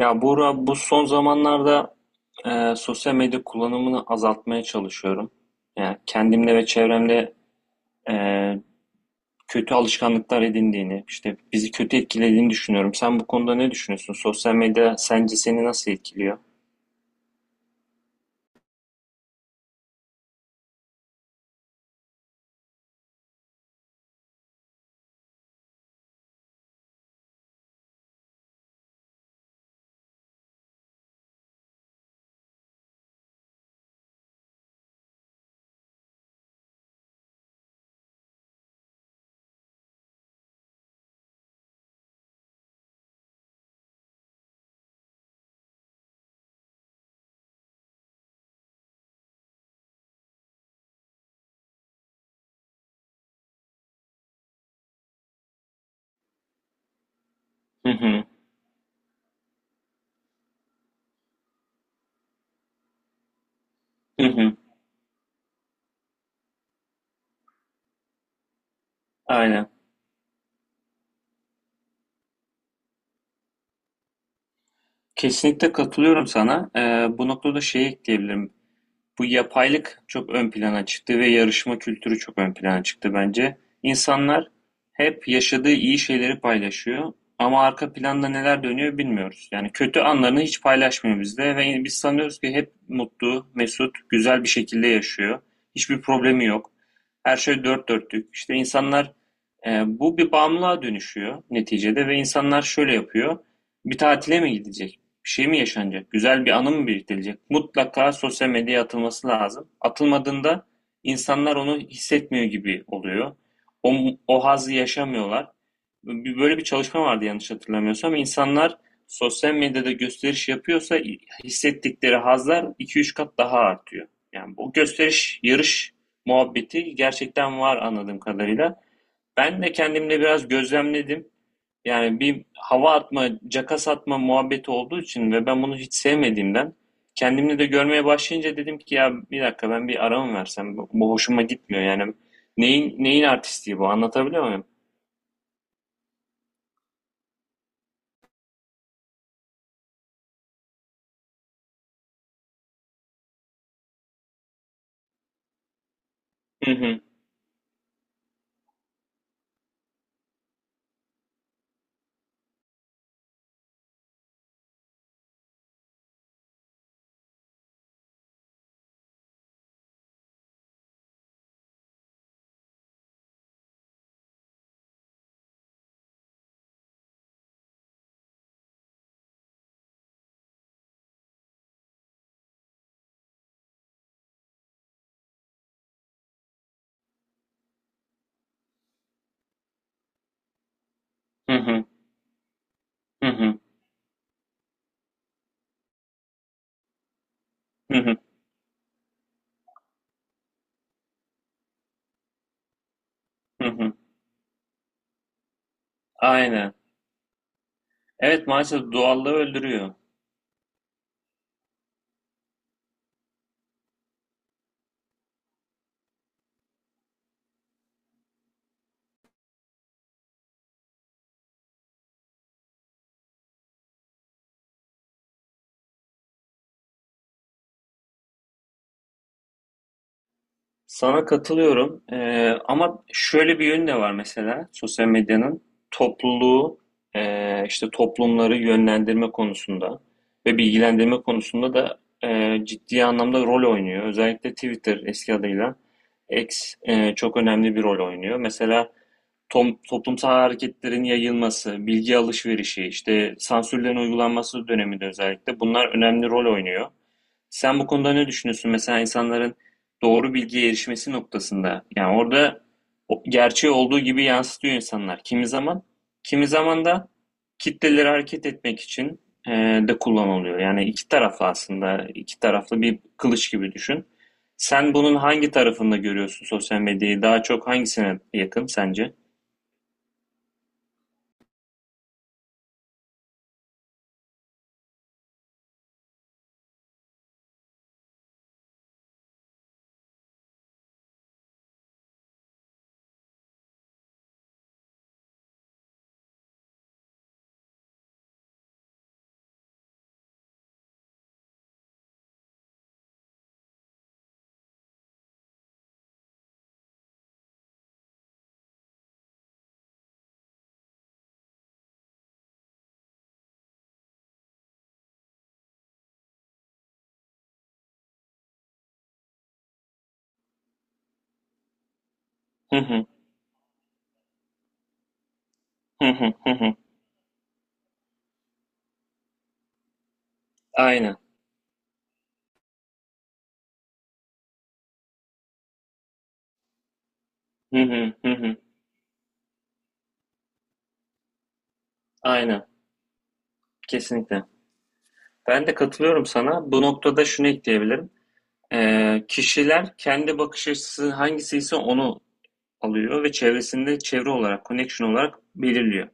Ya Buğra, bu son zamanlarda sosyal medya kullanımını azaltmaya çalışıyorum. Yani kendimle ve çevremde e, kötü alışkanlıklar edindiğini, işte bizi kötü etkilediğini düşünüyorum. Sen bu konuda ne düşünüyorsun? Sosyal medya sence seni nasıl etkiliyor? Hı hı, hı hı, aynen. Kesinlikle katılıyorum sana. Bu noktada şeyi ekleyebilirim. Bu yapaylık çok ön plana çıktı ve yarışma kültürü çok ön plana çıktı bence. İnsanlar hep yaşadığı iyi şeyleri paylaşıyor ama arka planda neler dönüyor bilmiyoruz. Yani kötü anlarını hiç paylaşmıyor bizde ve biz sanıyoruz ki hep mutlu, mesut, güzel bir şekilde yaşıyor. Hiçbir problemi yok. Her şey dört dörtlük. İşte insanlar bu bir bağımlılığa dönüşüyor neticede ve insanlar şöyle yapıyor. Bir tatile mi gidecek? Bir şey mi yaşanacak? Güzel bir anı mı biriktirilecek? Mutlaka sosyal medyaya atılması lazım. Atılmadığında insanlar onu hissetmiyor gibi oluyor. O hazzı yaşamıyorlar. Böyle bir çalışma vardı yanlış hatırlamıyorsam. İnsanlar sosyal medyada gösteriş yapıyorsa hissettikleri hazlar 2-3 kat daha artıyor. Yani bu gösteriş, yarış muhabbeti gerçekten var anladığım kadarıyla. Ben de kendimle biraz gözlemledim. Yani bir hava atma, caka satma muhabbeti olduğu için ve ben bunu hiç sevmediğimden kendimde de görmeye başlayınca dedim ki ya bir dakika ben bir ara mı versem? Bu hoşuma gitmiyor yani. Neyin neyin artistliği bu? Anlatabiliyor muyum? Hı hı. Hı hı. Hı hı. Hı hı. Hı hı. Aynen. Evet, maalesef doğallığı öldürüyor. Sana katılıyorum. Ama şöyle bir yönü de var mesela sosyal medyanın topluluğu, işte toplumları yönlendirme konusunda ve bilgilendirme konusunda da ciddi anlamda rol oynuyor. Özellikle Twitter, eski adıyla X, çok önemli bir rol oynuyor. Mesela toplumsal hareketlerin yayılması, bilgi alışverişi, işte sansürlerin uygulanması döneminde özellikle bunlar önemli rol oynuyor. Sen bu konuda ne düşünüyorsun? Mesela insanların doğru bilgiye erişmesi noktasında. Yani orada gerçeği olduğu gibi yansıtıyor insanlar. Kimi zaman, kimi zaman da kitleleri hareket etmek için e, de kullanılıyor. Yani iki taraflı aslında, iki taraflı bir kılıç gibi düşün. Sen bunun hangi tarafında görüyorsun sosyal medyayı? Daha çok hangisine yakın sence? Hı hı, hı hı, hı hı. Aynen. Hı hı, hı hı. Aynen. Kesinlikle. Ben de katılıyorum sana. Bu noktada şunu ekleyebilirim. Kişiler kendi bakış açısı hangisi ise onu alıyor ve çevresinde çevre olarak, connection olarak belirliyor.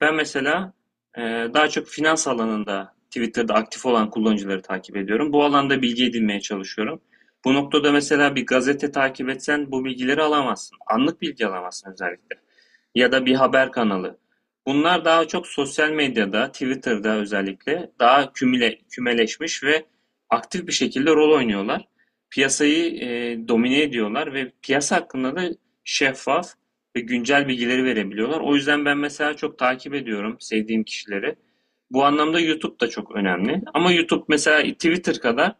Ben mesela e, daha çok finans alanında Twitter'da aktif olan kullanıcıları takip ediyorum. Bu alanda bilgi edinmeye çalışıyorum. Bu noktada mesela bir gazete takip etsen bu bilgileri alamazsın. Anlık bilgi alamazsın, özellikle, ya da bir haber kanalı. Bunlar daha çok sosyal medyada, Twitter'da özellikle daha kümüle, kümeleşmiş ve aktif bir şekilde rol oynuyorlar. Piyasayı domine ediyorlar ve piyasa hakkında da şeffaf ve güncel bilgileri verebiliyorlar. O yüzden ben mesela çok takip ediyorum sevdiğim kişileri. Bu anlamda YouTube da çok önemli. Ama YouTube mesela Twitter kadar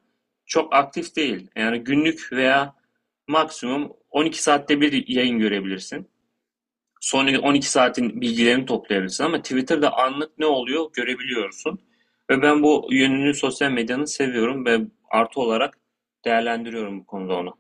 çok aktif değil. Yani günlük veya maksimum 12 saatte bir yayın görebilirsin, son 12 saatin bilgilerini toplayabilirsin ama Twitter'da anlık ne oluyor görebiliyorsun. Ve ben bu yönünü sosyal medyanın seviyorum ve artı olarak değerlendiriyorum bu konuda onu.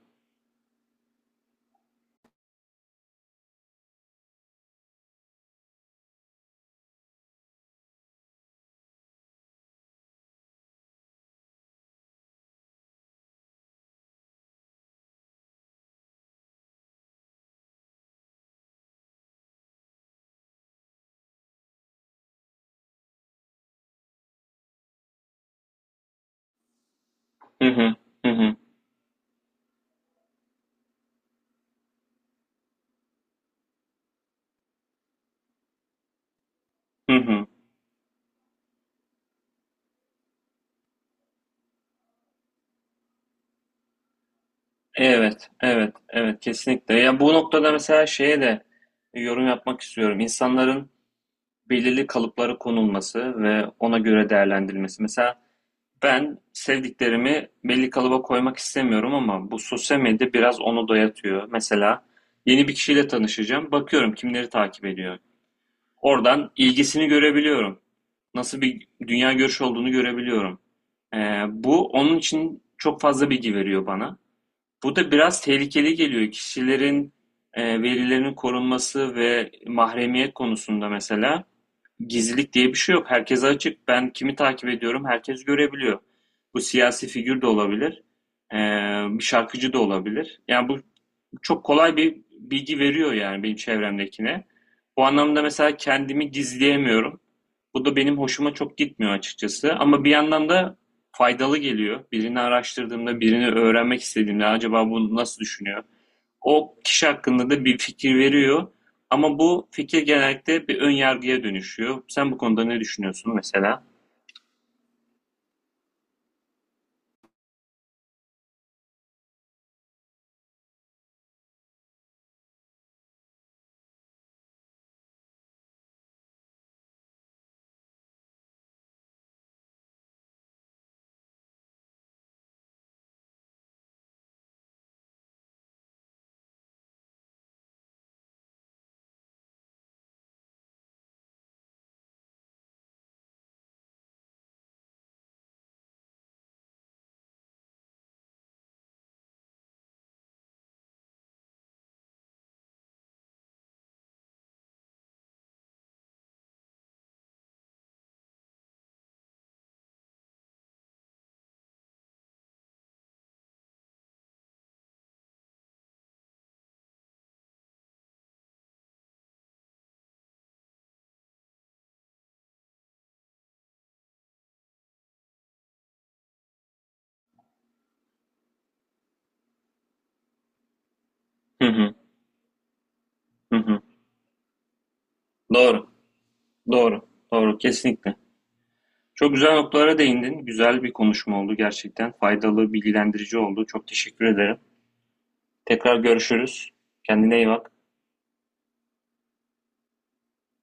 Hı hı, hı hı, hı hı. Evet, evet, evet, kesinlikle. Ya bu noktada mesela şeye de yorum yapmak istiyorum. İnsanların belirli kalıplara konulması ve ona göre değerlendirilmesi. Mesela ben sevdiklerimi belli kalıba koymak istemiyorum ama bu sosyal medya biraz onu dayatıyor. Mesela yeni bir kişiyle tanışacağım. Bakıyorum kimleri takip ediyor. Oradan ilgisini görebiliyorum. Nasıl bir dünya görüşü olduğunu görebiliyorum. Ee, bu onun için çok fazla bilgi veriyor bana. Bu da biraz tehlikeli geliyor. Kişilerin verilerinin korunması ve mahremiyet konusunda mesela, gizlilik diye bir şey yok. Herkese açık. Ben kimi takip ediyorum, herkes görebiliyor. Bu siyasi figür de olabilir, ee, bir şarkıcı da olabilir. Yani bu çok kolay bir bilgi veriyor yani benim çevremdekine. Bu anlamda mesela kendimi gizleyemiyorum. Bu da benim hoşuma çok gitmiyor açıkçası. Ama bir yandan da faydalı geliyor. Birini araştırdığımda, birini öğrenmek istediğimde acaba bunu nasıl düşünüyor? O kişi hakkında da bir fikir veriyor. Ama bu fikir genellikle bir ön yargıya dönüşüyor. Sen bu konuda ne düşünüyorsun mesela? Hı hı, hı hı. Doğru, doğru, doğru, kesinlikle. Çok güzel noktalara değindin. Güzel bir konuşma oldu gerçekten. Faydalı, bilgilendirici oldu. Çok teşekkür ederim. Tekrar görüşürüz. Kendine iyi bak.